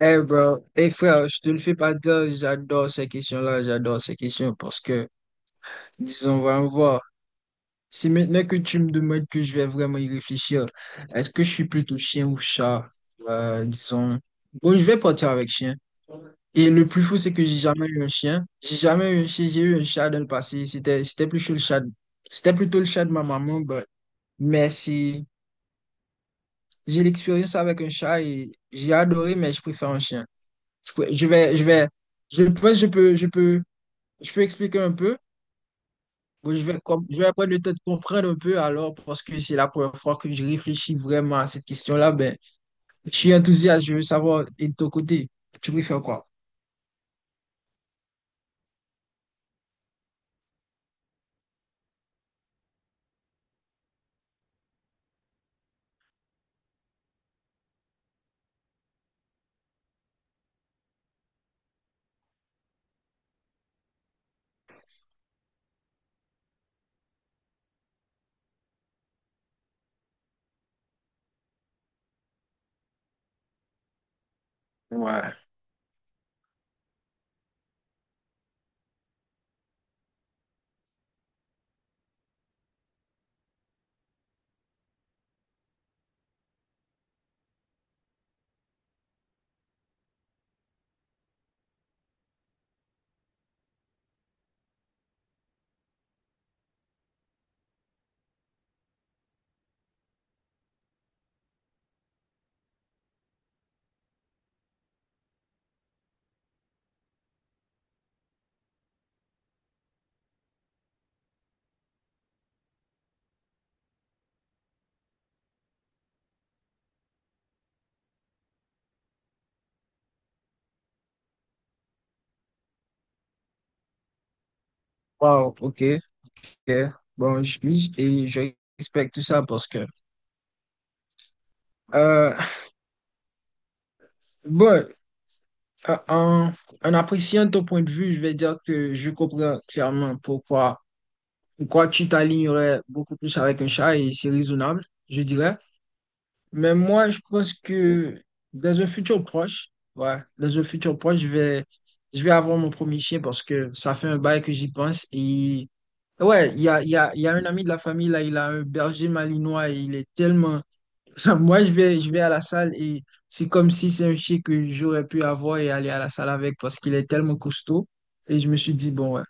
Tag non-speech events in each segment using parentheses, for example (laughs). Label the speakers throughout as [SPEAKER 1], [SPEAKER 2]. [SPEAKER 1] Eh bro, eh frère, je te le fais pas dire, j'adore ces questions-là, j'adore ces questions parce que, disons, on va en voir. Si maintenant que tu me demandes que je vais vraiment y réfléchir, est-ce que je suis plutôt chien ou chat? Disons, bon, je vais partir avec chien. Et le plus fou, c'est que j'ai jamais eu un chien. J'ai jamais eu un chien, j'ai eu un chat dans le passé. C'était plus chaud le chat. C'était plutôt le chat de ma maman, mais si j'ai l'expérience avec un chat et j'ai adoré, mais je préfère un chien. Je vais, je vais, je pense que je peux. Je peux expliquer un peu? Bon, je vais, je vais prendre le temps de comprendre un peu alors, parce que c'est la première fois que je réfléchis vraiment à cette question-là. Ben, je suis enthousiaste, je veux savoir, et de ton côté, tu préfères quoi? Ouais. Wow, ok, ok. Bon, et je respecte tout ça parce que, euh, bon, euh, en, en appréciant ton point de vue, je vais dire que je comprends clairement pourquoi, pourquoi tu t'alignerais beaucoup plus avec un chat et c'est raisonnable, je dirais. Mais moi, je pense que dans un futur proche, ouais, dans un futur proche, je vais avoir mon premier chien parce que ça fait un bail que j'y pense. Et ouais, il y a un ami de la famille, là, il a un berger malinois et il est tellement. (laughs) Moi, je vais à la salle et c'est comme si c'est un chien que j'aurais pu avoir et aller à la salle avec parce qu'il est tellement costaud. Et je me suis dit, bon, ouais,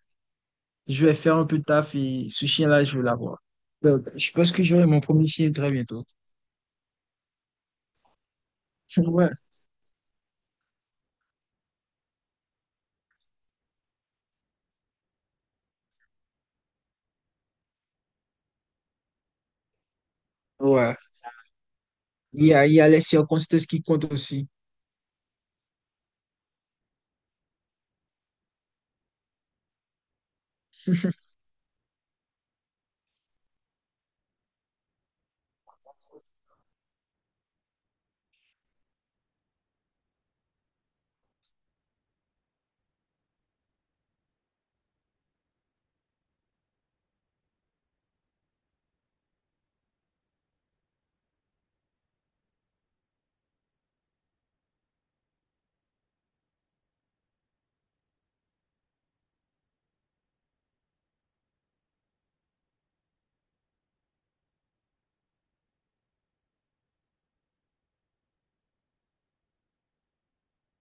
[SPEAKER 1] je vais faire un peu de taf et ce chien-là, je veux l'avoir. Donc, je pense que j'aurai mon premier chien très bientôt. (laughs) Ouais. Ouais. Il y a les circonstances qui comptent aussi.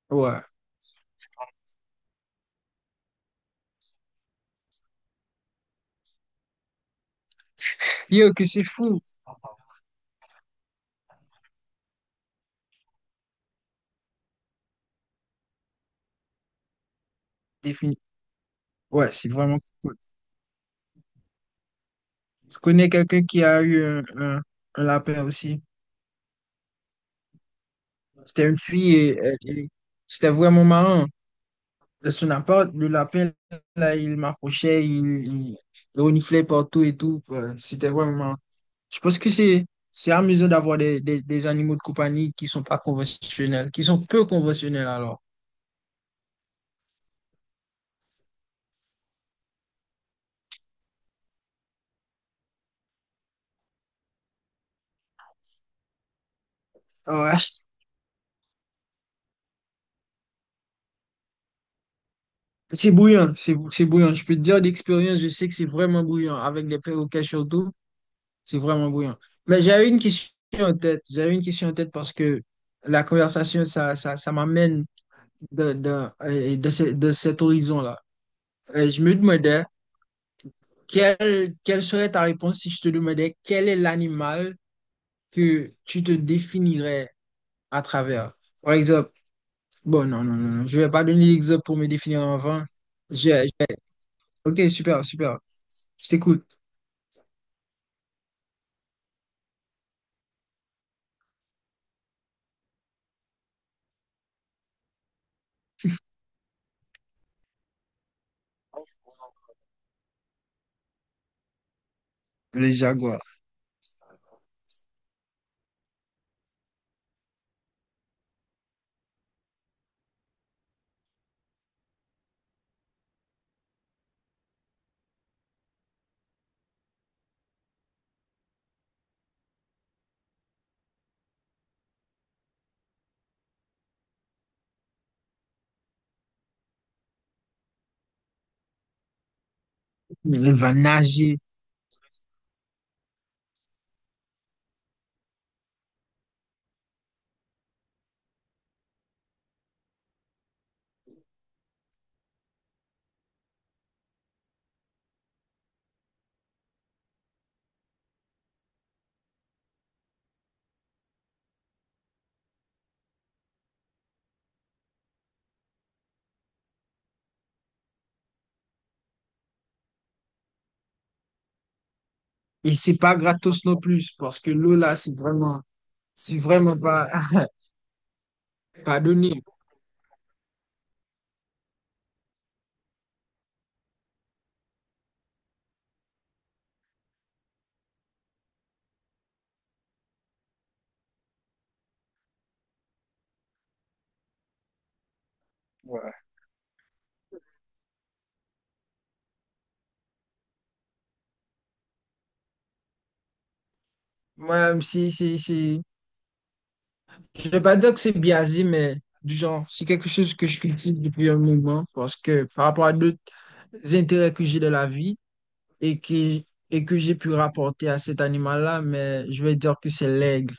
[SPEAKER 1] Ouais. Yo, que c'est fou. Défini. Ouais, c'est vraiment cool. Je connais quelqu'un qui a eu un lapin aussi. C'était une fille et, et c'était vraiment marrant. De son appart, le lapin, là, il m'approchait, il, il reniflait partout et tout. Ouais, c'était vraiment marrant. Je pense que c'est amusant d'avoir des animaux de compagnie qui sont pas conventionnels, qui sont peu conventionnels alors. Ouais. C'est bouillant, c'est bouillant. Je peux te dire d'expérience, je sais que c'est vraiment bouillant. Avec les perroquets surtout, c'est vraiment bouillant. Mais j'avais une question en tête. J'avais une question en tête parce que la conversation, ça m'amène de cet horizon-là. Je me demandais, quelle serait ta réponse si je te demandais quel est l'animal que tu te définirais à travers? Par exemple, bon, non, non, non, non, je vais pas donner l'exemple pour me définir avant. Je- je- ok, super, super. Je t'écoute. Les Jaguars. Il va nager. Et c'est pas gratos non plus, parce que l'eau là, c'est vraiment pas, (laughs) pas donné. Ouais. Moi, si, si, si. Je vais pas dire que c'est biaisé, mais du genre, c'est quelque chose que je cultive depuis un moment, parce que par rapport à d'autres intérêts que j'ai de la vie et que, et que j'ai pu rapporter à cet animal-là, mais je vais dire que c'est l'aigle.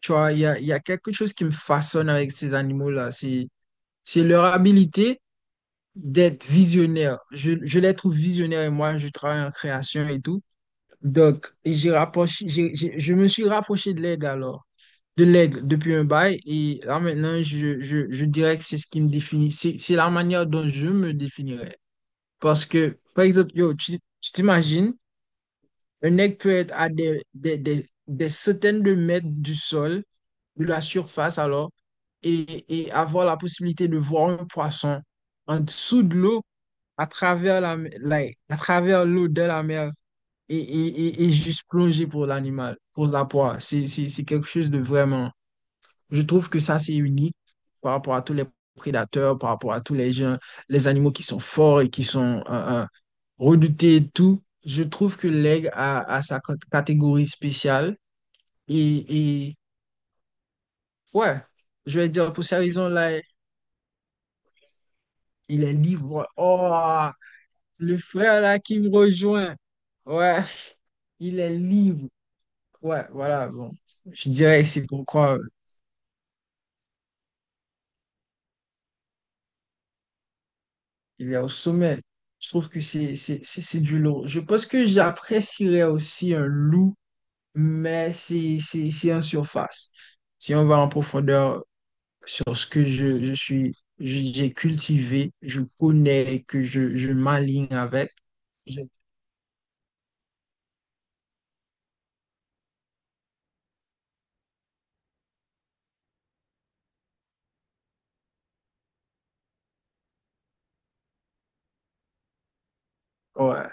[SPEAKER 1] Tu vois, il y a quelque chose qui me façonne avec ces animaux-là. C'est leur habilité d'être visionnaire. Je les trouve visionnaires et moi, je travaille en création et tout. Donc, et j'ai rapproché, j'ai- je me suis rapproché de l'aigle alors, de l'aigle depuis un bail. Et là maintenant, je dirais que c'est ce qui me définit. C'est la manière dont je me définirais. Parce que, par exemple, yo, tu t'imagines, un aigle peut être à des centaines de mètres du sol, de la surface alors, et avoir la possibilité de voir un poisson en dessous de l'eau à travers la- à travers l'eau de la mer et juste plonger pour l'animal, pour la proie. C'est quelque chose de vraiment. Je trouve que ça, c'est unique par rapport à tous les prédateurs, par rapport à tous les gens, les animaux qui sont forts et qui sont redoutés et tout. Je trouve que l'aigle a, a sa catégorie spéciale. Et ouais, je vais dire, pour ces raisons-là, il est libre. Oh, le frère là qui me rejoint. Ouais. Il est libre. Ouais, voilà, bon. Je dirais que c'est pourquoi il est au sommet. Je trouve que c'est du lourd. Je pense que j'apprécierais aussi un loup, mais c'est en surface. Si on va en profondeur sur ce que je suis, j'ai cultivé, je connais, que je m'aligne avec, je- ouais,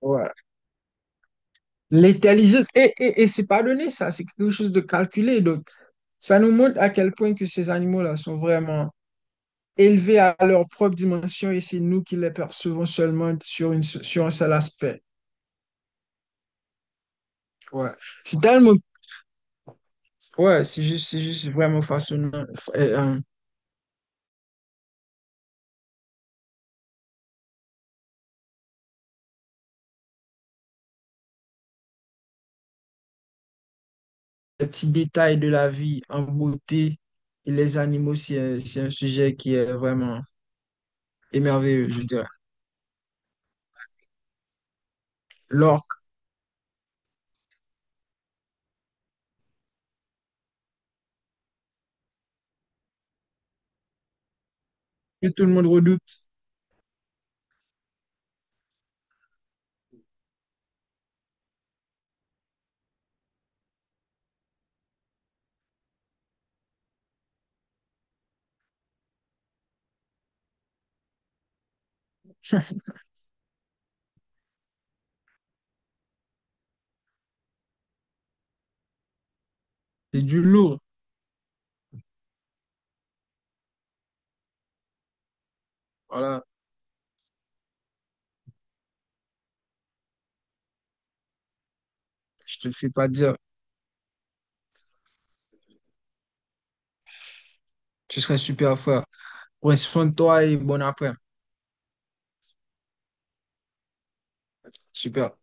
[SPEAKER 1] ouais. L'intelligence, et c'est pas donné ça, c'est quelque chose de calculé. Donc, ça nous montre à quel point que ces animaux-là sont vraiment élevés à leur propre dimension et c'est nous qui les percevons seulement sur, une, sur un seul aspect. Ouais. C'est tellement, ouais, c'est juste vraiment fascinant. Euh, euh, les petits détails de la vie en beauté et les animaux, c'est un sujet qui est vraiment émerveilleux, je dirais. L'orque, que tout le monde redoute, c'est du lourd. Voilà, je te le fais pas dire. Tu serais super fort. Prends soin de toi et bon après. Super.